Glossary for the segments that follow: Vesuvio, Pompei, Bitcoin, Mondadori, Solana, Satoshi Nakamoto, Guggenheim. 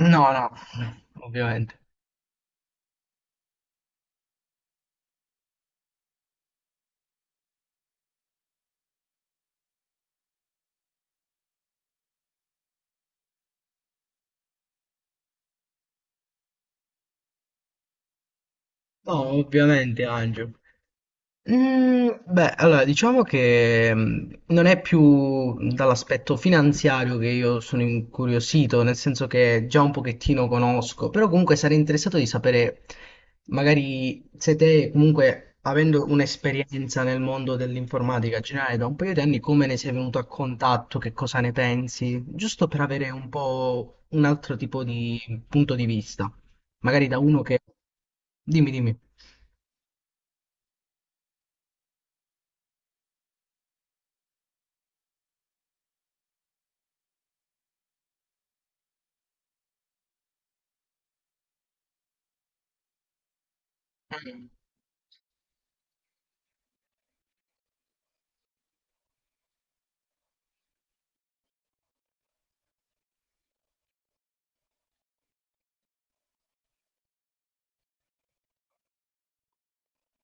No, no, ovviamente. No, ovviamente, Angelo. Beh, allora diciamo che non è più dall'aspetto finanziario che io sono incuriosito, nel senso che già un pochettino conosco, però comunque sarei interessato di sapere, magari se te comunque avendo un'esperienza nel mondo dell'informatica generale da un paio di anni, come ne sei venuto a contatto, che cosa ne pensi, giusto per avere un po' un altro tipo di punto di vista, magari da uno che... Dimmi, dimmi.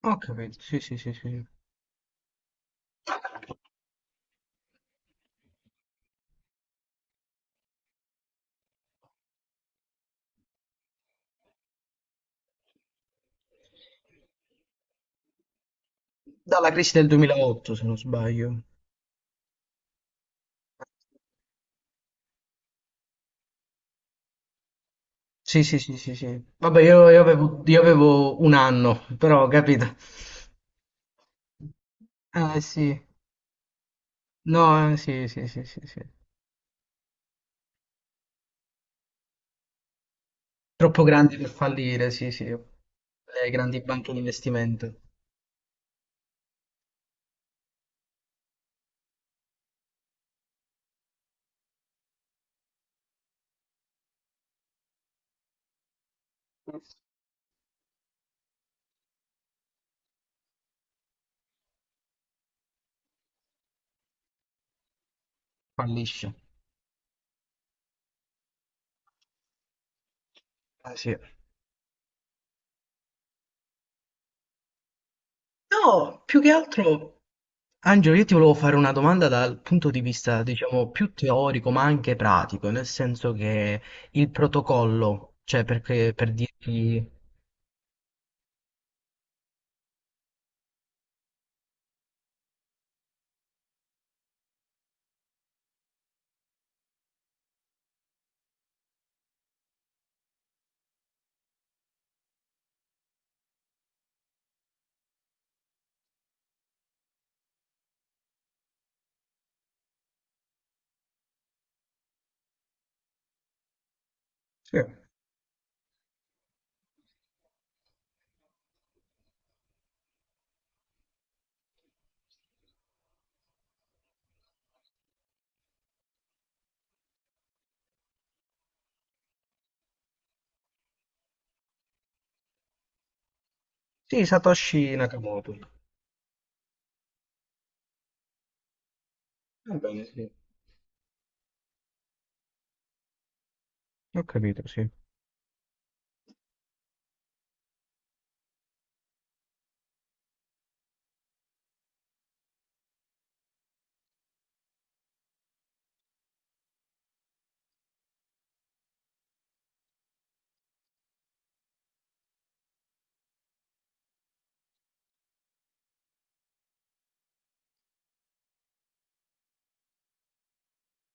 Ho capito, sì, sì, sì, sì. Dalla crisi del 2008, se non sbaglio. Sì, sì, sì, sì, sì. Vabbè, io avevo 1 anno, però ho capito. Eh sì, no, sì, sì, sì, sì, sì. Troppo grandi per fallire, sì, sì. Le grandi banche di investimento fallisce. Eh sì. No, più che altro Angelo, io ti volevo fare una domanda dal punto di vista, diciamo, più teorico, ma anche pratico, nel senso che il protocollo, cioè perché, per dirti... Sì. Sì, Satoshi Nakamoto. Va bene, sì. Ho capito, sì.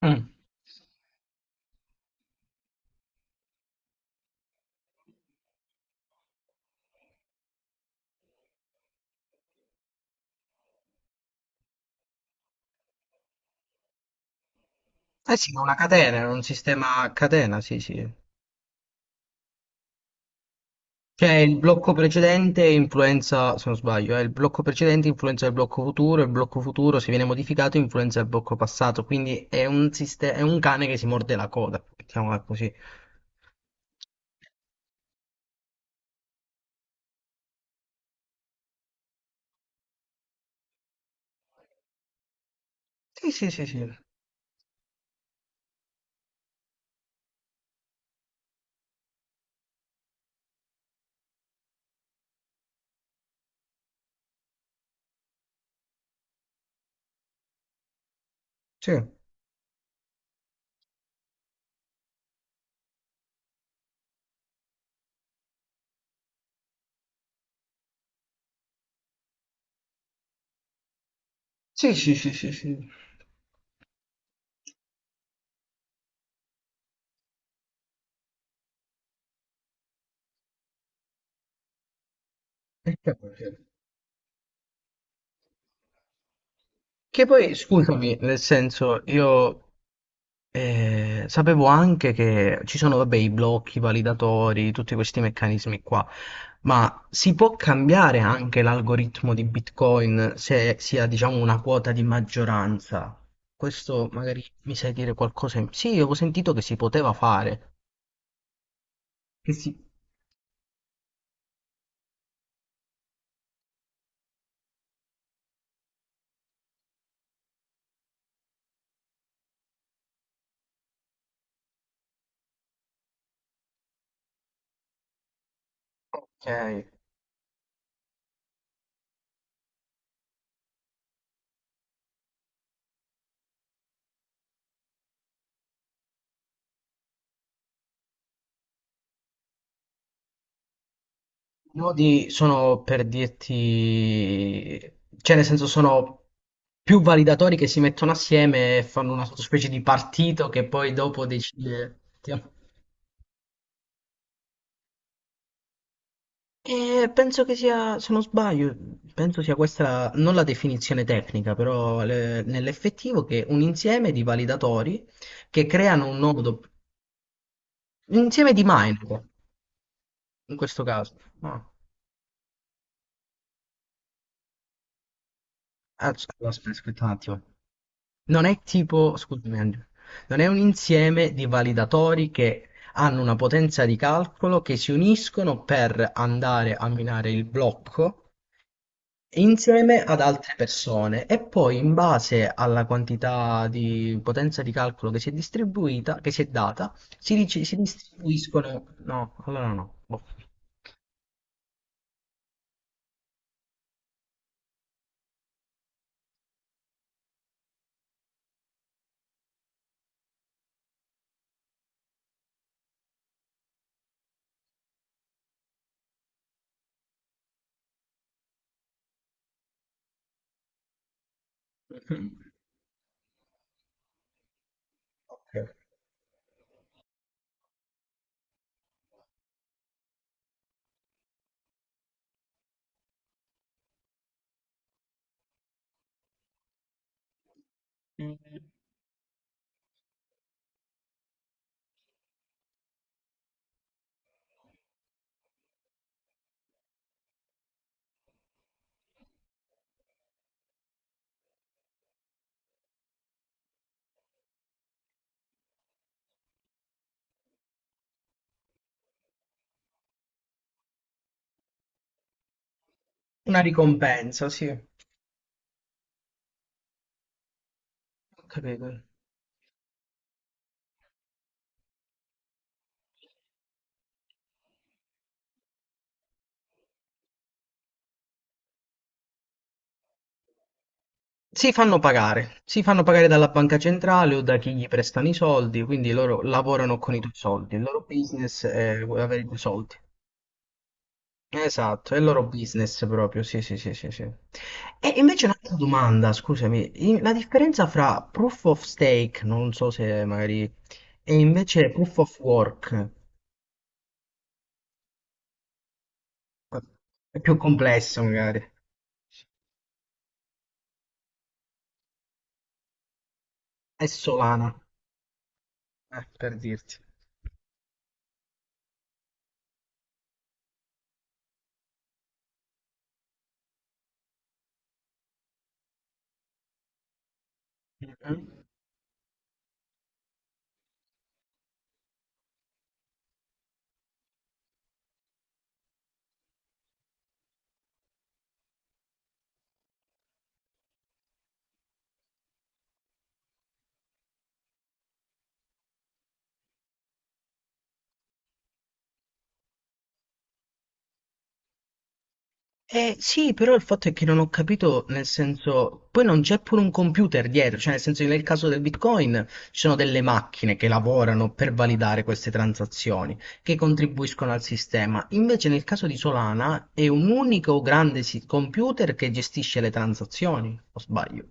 Mm. Eh sì, è una catena, era un sistema a catena, sì, sì. Cioè il blocco precedente influenza, se non sbaglio, il blocco precedente influenza il blocco futuro se viene modificato influenza il blocco passato, quindi è un, siste- è un cane che si morde la coda, mettiamola così. Sì, sì, sì, sì. Sì. Sì, sì, sì, sì, sì. È chiaro, è chiaro. Che poi, scusami, nel senso, io sapevo anche che ci sono, vabbè, i blocchi, i validatori, tutti questi meccanismi qua, ma si può cambiare anche l'algoritmo di Bitcoin se si ha, diciamo, una quota di maggioranza. Questo magari mi sai dire qualcosa in... Sì, avevo sentito che si poteva fare. Che si... Ok. Nodi sono per dirti, cioè nel senso sono più validatori che si mettono assieme e fanno una specie di partito che poi dopo decide. E penso che sia, se non sbaglio, penso sia questa la- non la definizione tecnica, però le- nell'effettivo che un insieme di validatori che creano un nodo, un insieme di minor in questo caso. No. Ah, aspetta, un attimo. Non è tipo, scusami Angelo, non è un insieme di validatori che hanno una potenza di calcolo che si uniscono per andare a minare il blocco insieme ad altre persone e poi in base alla quantità di potenza di calcolo che si è distribuita, che si è data, si, dice- si distribuiscono... No, allora no. Boh. Mm. Una ricompensa, sì. Ho capito. Si fanno pagare dalla banca centrale o da chi gli prestano i soldi, quindi loro lavorano con i tuoi soldi, il loro business è avere i tuoi soldi. Esatto, è il loro business proprio, sì, sì, sì, sì, sì. E invece un'altra domanda, scusami, in- la differenza fra proof of stake, non so se magari, e invece proof of work, è più complesso magari, è Solana, per dirti. Eh sì, però il fatto è che non ho capito, nel senso, poi non c'è pure un computer dietro, cioè nel senso che nel caso del Bitcoin ci sono delle macchine che lavorano per validare queste transazioni, che contribuiscono al sistema. Invece nel caso di Solana è un unico grande si- computer che gestisce le transazioni, o sbaglio?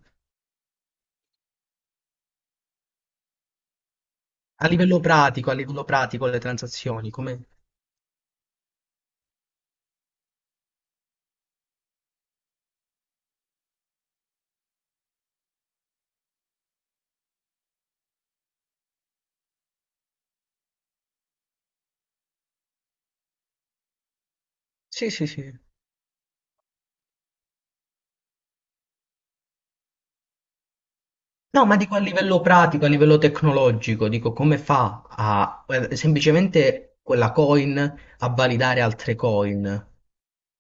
A livello pratico le transazioni, come... Sì, sì, sì. No, ma dico a livello pratico, a livello tecnologico, dico come fa a semplicemente quella coin a validare altre coin?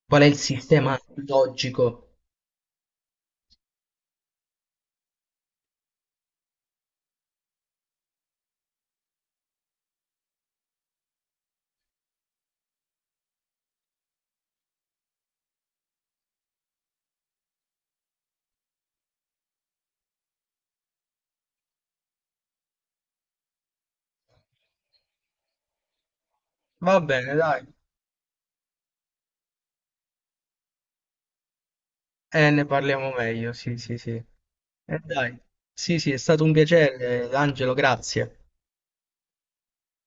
Qual è il sistema logico? Va bene, dai. Ne parliamo meglio, sì, sì, sì. Dai. Sì, sì, è stato un piacere, Angelo, grazie.